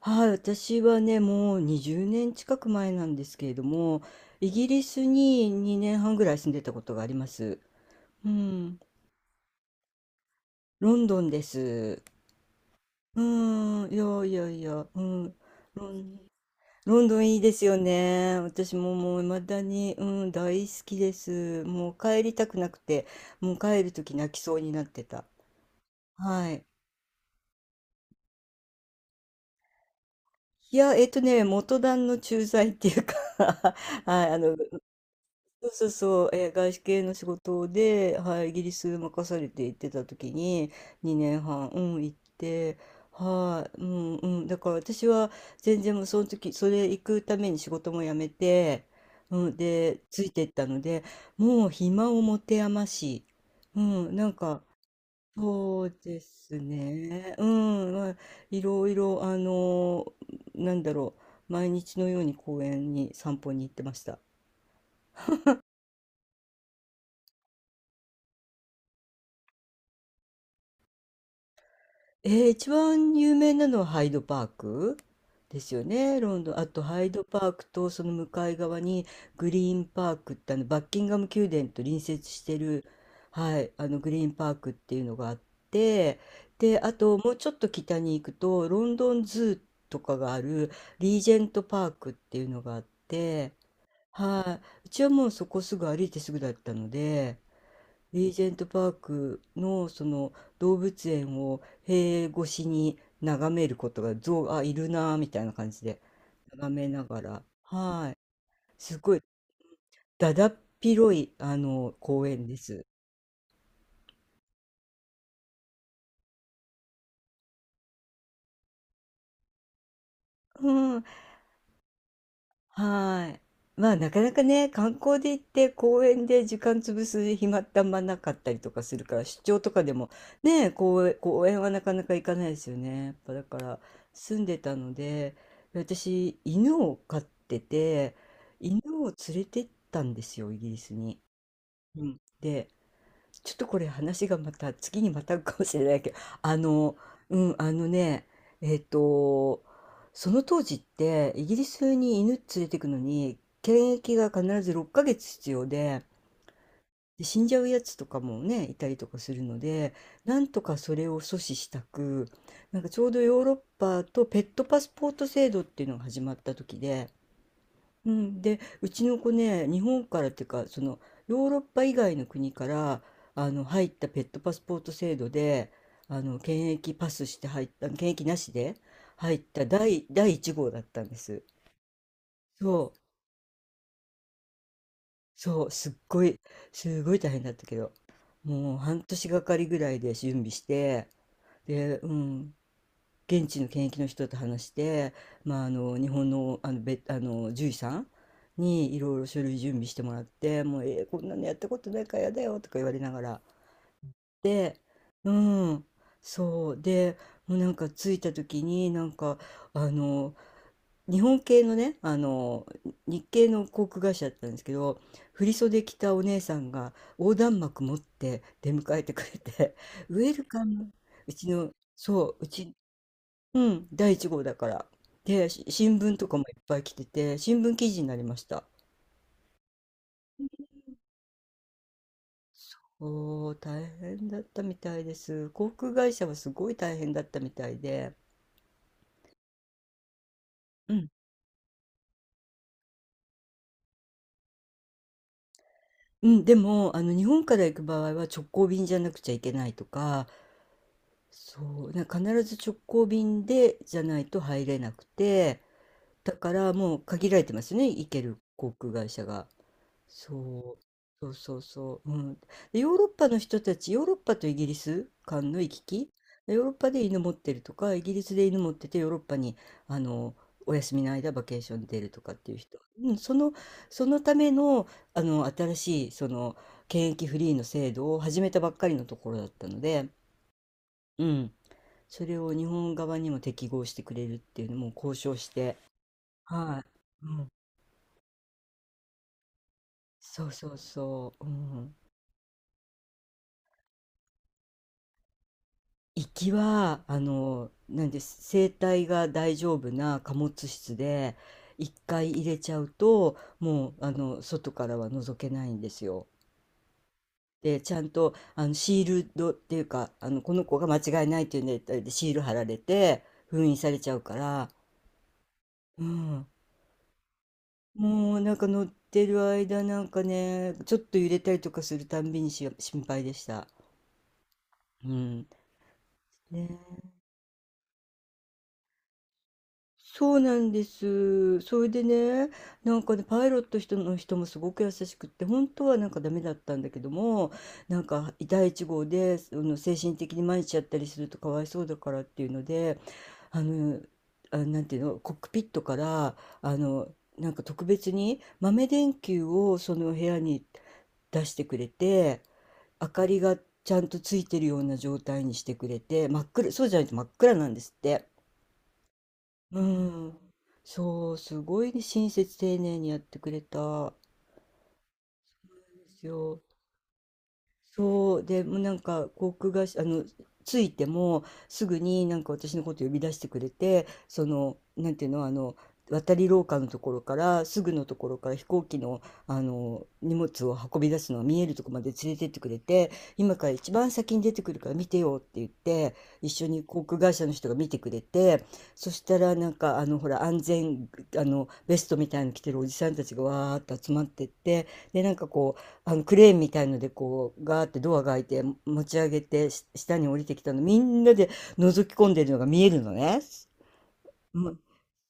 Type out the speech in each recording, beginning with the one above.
はい、私はね、もう20年近く前なんですけれども、イギリスに2年半ぐらい住んでたことがあります。うん、ロンドンです。うん、いやいやいや、うん、ロン、ロンドンいいですよね。私ももう未だに、うん、大好きです。もう帰りたくなくて、もう帰るとき泣きそうになってた。はい。いや、元旦の駐在っていうか はい、そうそうそう、外資系の仕事で、はい、イギリス任されて行ってた時に2年半、うん、行って、はい、うんうん、だから私は全然もうその時、それ行くために仕事も辞めて、うん、で、ついてったので、もう暇を持て余し、うん、なんか、そうですね、うん、まあ、いろいろ、なんだろう、毎日のように公園に散歩に行ってました。一番有名なのはハイドパークですよね、ロンドン。あとハイドパークとその向かい側にグリーンパークってあのバッキンガム宮殿と隣接してる、はい、あのグリーンパークっていうのがあって、で、あともうちょっと北に行くとロンドンズーとかがあるリージェントパークっていうのがあって、はい、うちはもうそこすぐ歩いてすぐだったので、リージェントパークのその動物園を塀越しに眺めることが、象があいるなーみたいな感じで眺めながら、はい、すごいだだっ広いあの公園です。うん、はい。まあ、なかなかね、観光で行って公園で時間潰す暇ってあんまなかったりとかするから、出張とかでもね、公園はなかなか行かないですよね。やっぱだから住んでたので、私犬を飼ってて、犬を連れてったんですよ、イギリスに。うん、で、ちょっとこれ話がまた次にまたかもしれないけど、うん、えっと、その当時ってイギリスに犬連れてくのに検疫が必ず6ヶ月必要で、で死んじゃうやつとかもね、いたりとかするので、なんとかそれを阻止したく、なんかちょうどヨーロッパとペットパスポート制度っていうのが始まった時で、うん、でうちの子ね、日本からっていうか、そのヨーロッパ以外の国から入ったペットパスポート制度であの検疫パスして入った、検疫なしで入った第1号だったんです。そうそう、すっごいすごい大変だったけど、もう半年がかりぐらいで準備して、で、うん、現地の検疫の人と話して、まあ、あの日本の、あの獣医さんにいろいろ書類準備してもらって、「もうえー、こんなのやったことないからやだよ」とか言われながらで、うん、そうで、もうなんか着いた時になんか、あの日本系のね、あの日系の航空会社だったんですけど、振袖着たお姉さんが横断幕持って出迎えてくれて、「ウェルカム」うちの、そう、うち、うん、第1号だから。で、新聞とかもいっぱい来てて、新聞記事になりました。おー、大変だったみたいです。航空会社はすごい大変だったみたいで。うん。うん、でも、日本から行く場合は直行便じゃなくちゃいけないとか、そう、なんか必ず直行便でじゃないと入れなくて、だからもう限られてますよね、行ける航空会社が。そう、そうそうそう、うん。でヨーロッパの人たち、ヨーロッパとイギリス間の行き来、ヨーロッパで犬持ってるとか、イギリスで犬持っててヨーロッパにあのお休みの間バケーションに出るとかっていう人、うん、そのための、新しい、その検疫フリーの制度を始めたばっかりのところだったので、うん、それを日本側にも適合してくれるっていうのも交渉して、はい、うん、そうそうそう、うん。行きはなんです、生体が大丈夫な貨物室で一回入れちゃうと、もう外からは覗けないんですよ。でちゃんとシールドっていうか、この子が間違いないっていうネタでシール貼られて封印されちゃうから、うん、もうなんか乗ってる間、なんかねちょっと揺れたりとかするたんびに心配でした。うん、ね、そうなんです。それでね、なんかね、パイロット人の人もすごく優しくって、本当はなんかダメだったんだけども、なんか第1号で、精神的に参っちゃったりするとかわいそうだからっていうので、あの、なんていうの、コックピットから、あの、なんか特別に豆電球をその部屋に出してくれて、明かりがちゃんとついてるような状態にしてくれて、真っ暗、そうじゃないと真っ暗なんですって。うん。そう、すごいね、親切丁寧にやってくれたんですよ。そう、でもうなんか航空会社、着いてもすぐになんか私のこと呼び出してくれて、その、なんていうの、渡り廊下のところからすぐのところから、飛行機の、あの荷物を運び出すのが見えるところまで連れてってくれて、今から一番先に出てくるから見てよって言って、一緒に航空会社の人が見てくれて、そしたらなんか、ほら、安全あのベストみたいなの着てるおじさんたちがわーっと集まってって、でなんかこう、あのクレーンみたいのでこうガーってドアが開いて持ち上げて、下に降りてきたのみんなで覗き込んでるのが見えるのね。うん、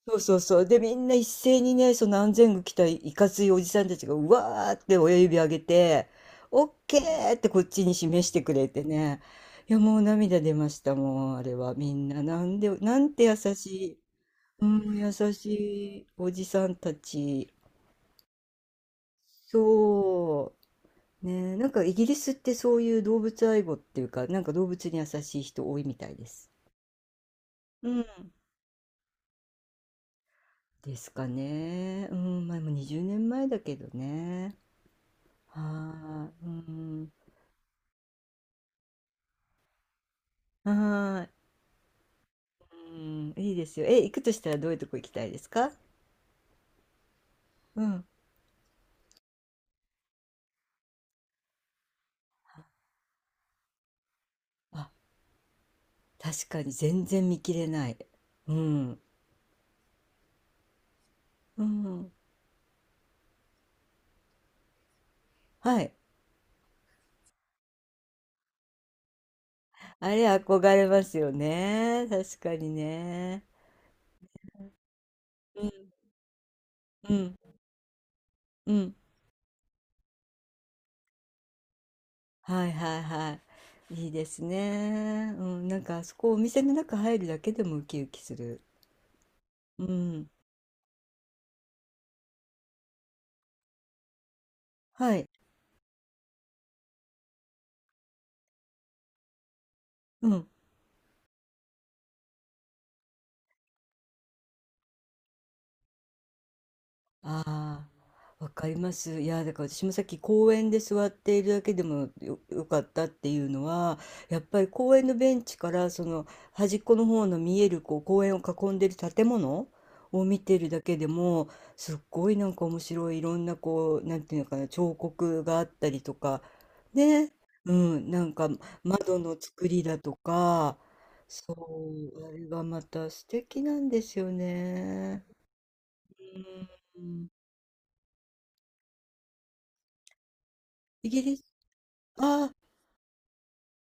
そうそうそう。でみんな一斉にね、その安全具着たいかついおじさんたちがうわーって親指上げて、オッケーってこっちに示してくれてね。いや、もう涙出ました、もうあれは。みんななんで、なんて優しい、うん、優しいおじさんたち。そう。ねえ、なんかイギリスってそういう動物愛護っていうか、なんか動物に優しい人多いみたいです。うん。ですかね。うん、まあ、もう20年前だけどね。はーい。うん。はーい。うん、いいですよ。え、行くとしたらどういうとこ行きたいですか？うん。あ、確かに全然見切れない。うん。うん。はい。あれ憧れますよね。確かにね。うん。うん。うん。はいはいはい。いいですね。うん、なんかあそこ、お店の中入るだけでもウキウキする。うん。はい。うん。ああ、わかります。いや、だから私もさっき公園で座っているだけでもよかったっていうのは、やっぱり公園のベンチからその端っこの方の見えるこう公園を囲んでる建物を見てるだけでも、すっごいなんか面白い、いろんなこう、なんていうのかな、彫刻があったりとか、ね、うん、なんか窓の作りだとか、そう、あれがまた素敵なんですよね。うん、イギリス、ああ、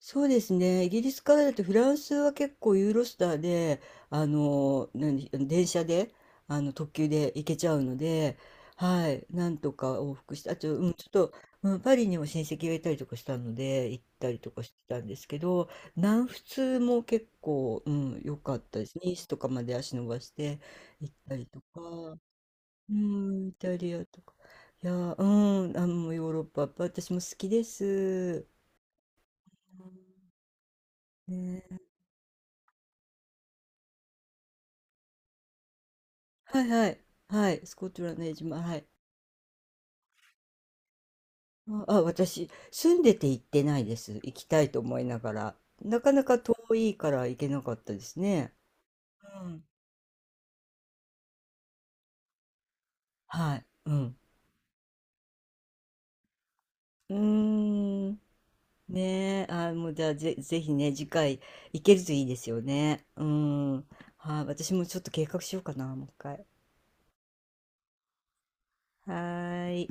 そうですね。イギリスからだとフランスは結構ユーロスターで、何、電車で、特急で行けちゃうので、はい、なんとか往復して、あと、うん、ちょっと、うん、パリにも親戚がいたりとかしたので、行ったりとかしてたんですけど、南仏も結構、うん、良かったです。ニースとかまで足伸ばして行ったりとか、うん、イタリアとか。いや、うん、ヨーロッパ、やっぱ私も好きです。うん、ね、はいはい。はい。スコットランド江島。はい。私、住んでて行ってないです。行きたいと思いながら。なかなか遠いから行けなかったですね。うん。はい。うん。うーん。ねえ。あ、もうじゃあぜひね、次回行けるといいですよね。うん。はい。私もちょっと計画しようかな、もう一回。はーい。